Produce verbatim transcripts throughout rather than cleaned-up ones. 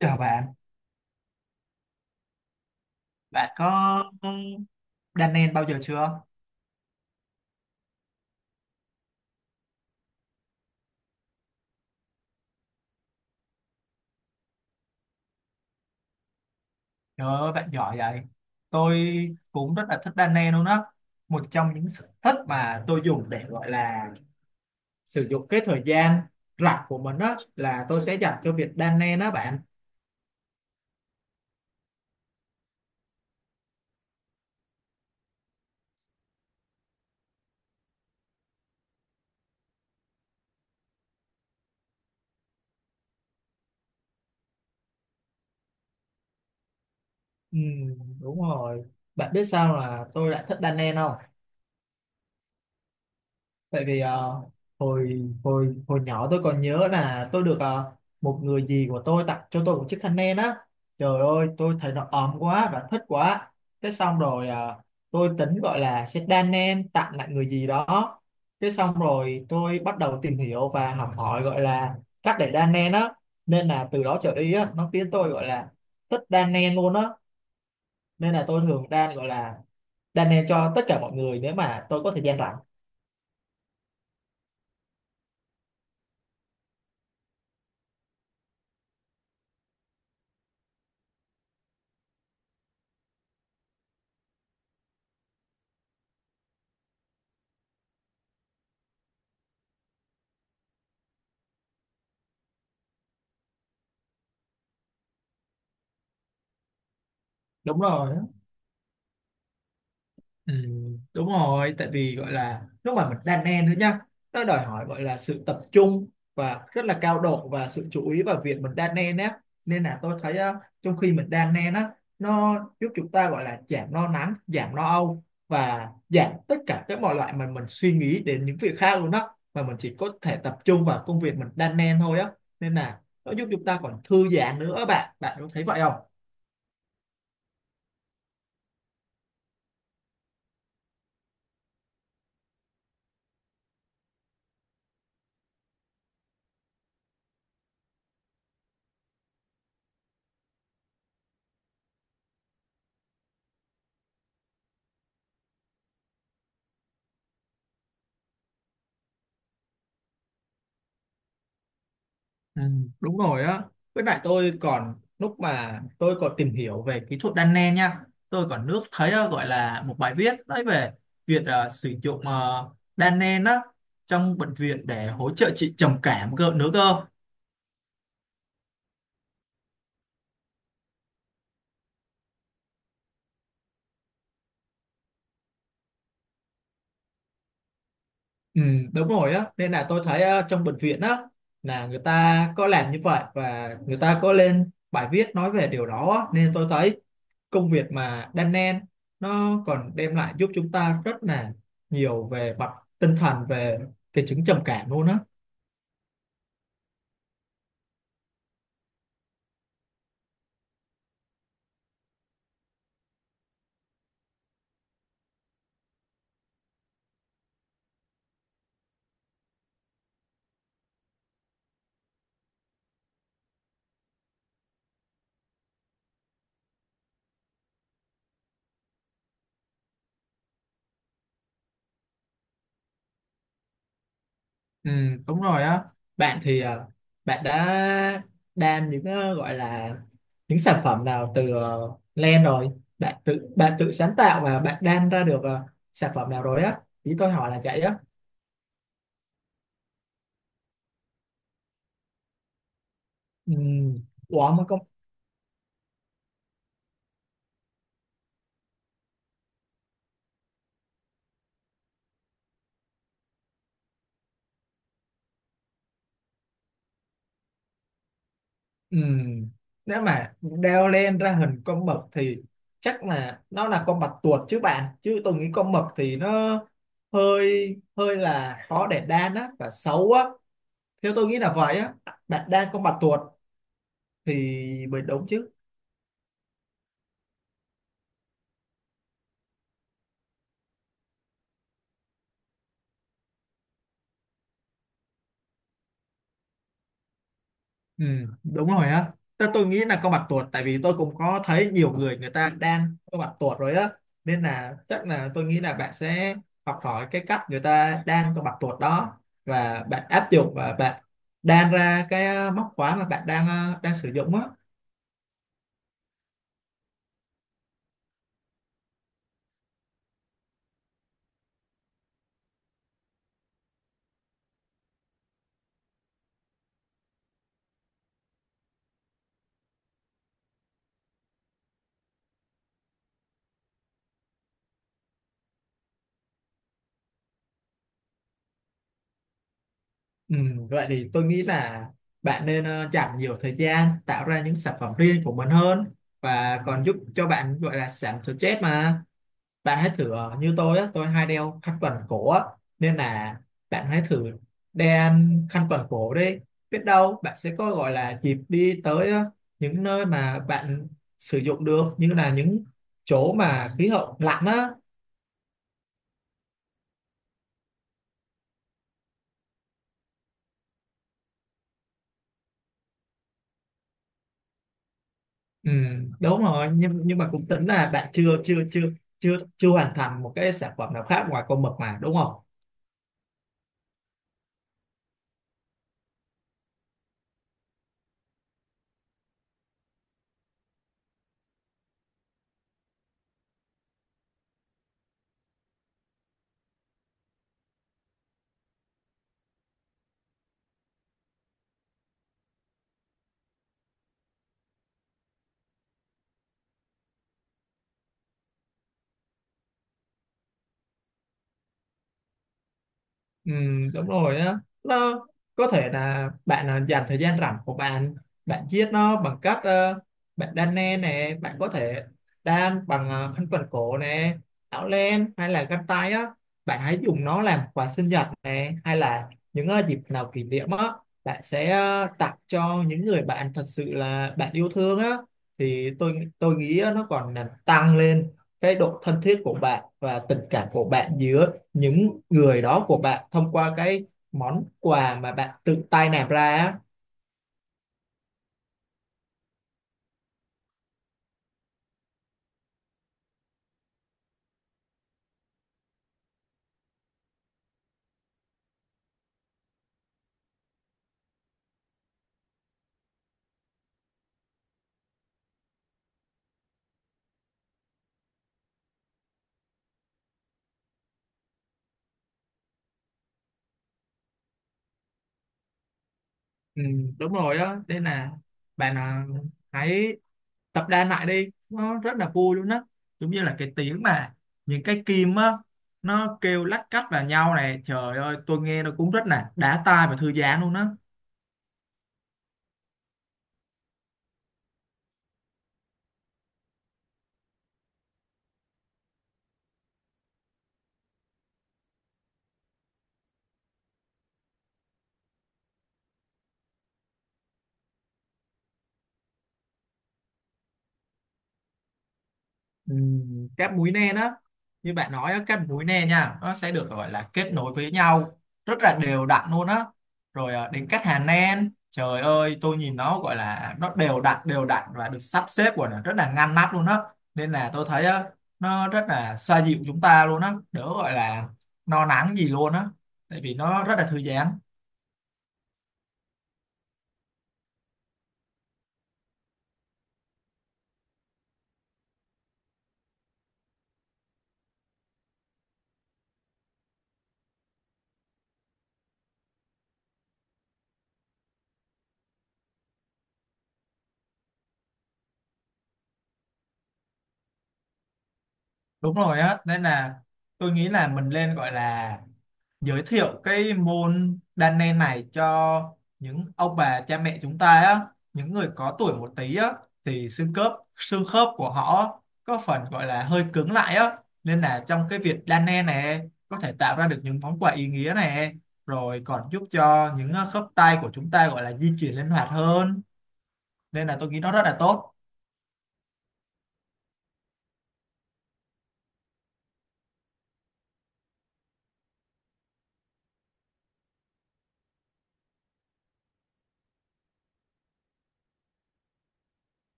Chào bạn, bạn có đan nen bao giờ chưa? Trời ơi, bạn giỏi vậy. Tôi cũng rất là thích đan nen luôn đó. Một trong những sở thích mà tôi dùng để gọi là sử dụng cái thời gian rảnh của mình đó là tôi sẽ dành cho việc đan nen đó bạn. Ừ, đúng rồi. Bạn biết sao là tôi lại thích đan nen không? Tại vì ờ, hồi hồi hồi nhỏ tôi còn nhớ là tôi được ờ, một người dì của tôi tặng cho tôi một chiếc khăn len á, trời ơi tôi thấy nó ấm quá và thích quá, cái xong rồi ờ, tôi tính gọi là sẽ đan len tặng lại người dì đó. Cái xong rồi tôi bắt đầu tìm hiểu và học hỏi gọi là cách để đan len á, nên là từ đó trở đi á nó khiến tôi gọi là thích đan len luôn á, nên là tôi thường đan gọi là đan len cho tất cả mọi người nếu mà tôi có thời gian rảnh. Đúng rồi. Ừ, đúng rồi, tại vì gọi là lúc mà mình đan men nữa nhá, nó đòi hỏi gọi là sự tập trung và rất là cao độ và sự chú ý vào việc mình đan nen á, nên là tôi thấy ờ, trong khi mình đan nen á nó giúp chúng ta gọi là giảm lo lắng, giảm lo âu và giảm tất cả các mọi loại mà mình suy nghĩ đến những việc khác luôn á, mà mình chỉ có thể tập trung vào công việc mình đan nen thôi á. Nên là nó giúp chúng ta còn thư giãn nữa, bạn bạn có thấy vậy không? Ừ, đúng rồi á, với lại tôi còn lúc mà tôi còn tìm hiểu về kỹ thuật đan len nha, tôi còn nước thấy ờ, gọi là một bài viết đấy về việc ờ, sử dụng ờ, đan len á trong bệnh viện để hỗ trợ trị trầm cảm cơ nữa cơ. Ừ, đúng rồi á, nên là tôi thấy ờ, trong bệnh viện á là người ta có làm như vậy và người ta có lên bài viết nói về điều đó á. Nên tôi thấy công việc mà đan nen nó còn đem lại giúp chúng ta rất là nhiều về mặt tinh thần, về cái chứng trầm cảm luôn á. Ừ, đúng rồi á, bạn thì à, bạn đã đan những ờ, gọi là những sản phẩm nào từ ờ, len rồi, bạn tự bạn tự sáng tạo và bạn đan ra được ờ, sản phẩm nào rồi á, ý tôi hỏi là vậy á. Ừ, ủa mà con. Ừ, nếu mà đeo len ra hình con mực thì chắc là nó là con bạch tuộc chứ bạn, chứ tôi nghĩ con mực thì nó hơi hơi là khó để đan á và xấu á, theo tôi nghĩ là vậy á. Bạn đan con bạch tuộc thì mới đúng chứ. Ừ, đúng rồi á, tôi tôi nghĩ là có mặt tuột, tại vì tôi cũng có thấy nhiều người, người ta đang có mặt tuột rồi á, nên là chắc là tôi nghĩ là bạn sẽ học hỏi cái cách người ta đang có mặt tuột đó và bạn áp dụng và bạn đan ra cái ờ, móc khóa mà bạn đang ờ, đang sử dụng á. Ừ, vậy thì tôi nghĩ là bạn nên ờ, dành nhiều thời gian tạo ra những sản phẩm riêng của mình hơn và còn giúp cho bạn gọi là giảm stress mà. Bạn hãy thử ờ, như tôi á, tôi hay đeo khăn quàng cổ á, nên là bạn hãy thử đeo khăn quàng cổ đi, biết đâu bạn sẽ có gọi là dịp đi tới ờ, những nơi mà bạn sử dụng được, như là những chỗ mà khí hậu lạnh á. Ừ, đúng rồi, nhưng nhưng mà cũng tính là bạn chưa chưa chưa chưa chưa hoàn thành một cái sản phẩm nào khác ngoài con mực mà đúng không? Ừ, đúng rồi á, nó có thể là bạn à, dành thời gian rảnh của bạn, bạn chiết nó bằng cách ờ, bạn đan len nè, bạn có thể đan bằng ờ, khăn quàng cổ nè, áo len hay là găng tay á. Bạn hãy dùng nó làm quà sinh nhật nè, hay là những ờ, dịp nào kỷ niệm á, bạn sẽ ờ, tặng cho những người bạn thật sự là bạn yêu thương á, thì tôi tôi nghĩ ờ, nó còn làm tăng lên cái độ thân thiết của bạn và tình cảm của bạn giữa những người đó của bạn thông qua cái món quà mà bạn tự tay làm ra á. Ừ, đúng rồi á, nên là bạn à, hãy tập đan lại đi, nó rất là vui luôn á, giống như là cái tiếng mà những cái kim á nó kêu lách cách vào nhau này, trời ơi tôi nghe nó cũng rất là đã tai và thư giãn luôn á. Ừ, các múi nen á, như bạn nói á, các múi nen nha nó sẽ được gọi là kết nối với nhau rất là đều đặn luôn á. Rồi ờ, đến cắt hàng nen, trời ơi tôi nhìn nó gọi là nó đều đặn đều đặn và được sắp xếp của nó rất là ngăn nắp luôn á, nên là tôi thấy á, nó rất là xoa dịu chúng ta luôn á, đỡ gọi là no nắng gì luôn á, tại vì nó rất là thư giãn. Đúng rồi á, nên là tôi nghĩ là mình nên gọi là giới thiệu cái môn đan nen này cho những ông bà cha mẹ chúng ta á, những người có tuổi một tí á, thì xương khớp xương khớp của họ có phần gọi là hơi cứng lại á, nên là trong cái việc đan nen này có thể tạo ra được những món quà ý nghĩa này, rồi còn giúp cho những ờ, khớp tay của chúng ta gọi là di chuyển linh hoạt hơn, nên là tôi nghĩ nó rất là tốt.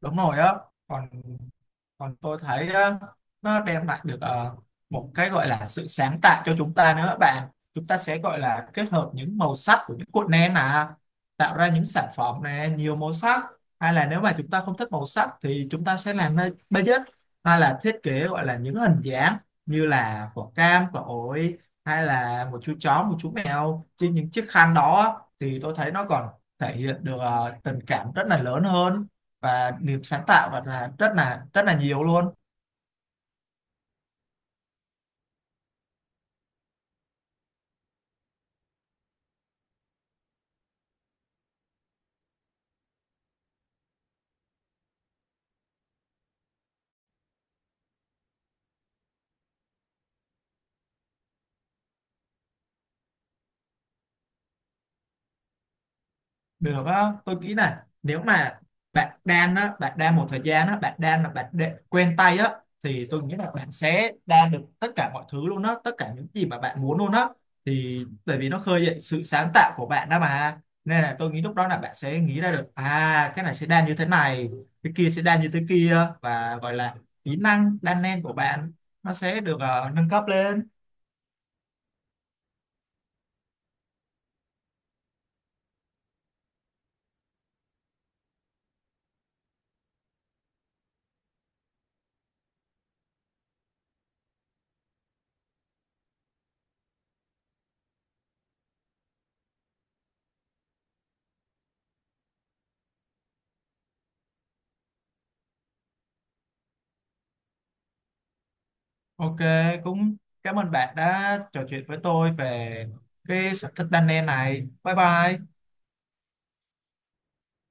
Đúng rồi á, còn còn tôi thấy ờ, nó đem lại được ờ, một cái gọi là sự sáng tạo cho chúng ta nữa các bạn. Chúng ta sẽ gọi là kết hợp những màu sắc của những cuộn nén à, tạo ra những sản phẩm này nhiều màu sắc, hay là nếu mà chúng ta không thích màu sắc thì chúng ta sẽ làm nơi budget, hay là thiết kế gọi là những hình dáng như là quả cam, quả ổi, hay là một chú chó, một chú mèo trên những chiếc khăn đó, thì tôi thấy nó còn thể hiện được ờ, tình cảm rất là lớn hơn và được sáng tạo và là rất là rất là nhiều luôn. Được á, tôi nghĩ là nếu mà bạn đan á, bạn đan một thời gian á, bạn đan là bạn đe- quen tay á, thì tôi nghĩ là bạn sẽ đan được tất cả mọi thứ luôn á, tất cả những gì mà bạn muốn luôn á, thì bởi vì nó khơi dậy sự sáng tạo của bạn đó mà, nên là tôi nghĩ lúc đó là bạn sẽ nghĩ ra được à cái này sẽ đan như thế này, cái kia sẽ đan như thế kia, và gọi là kỹ năng đan len của bạn nó sẽ được ờ, nâng cấp lên. Ok, cũng cảm ơn bạn đã trò chuyện với tôi về cái sở thích đan len này. Bye bye.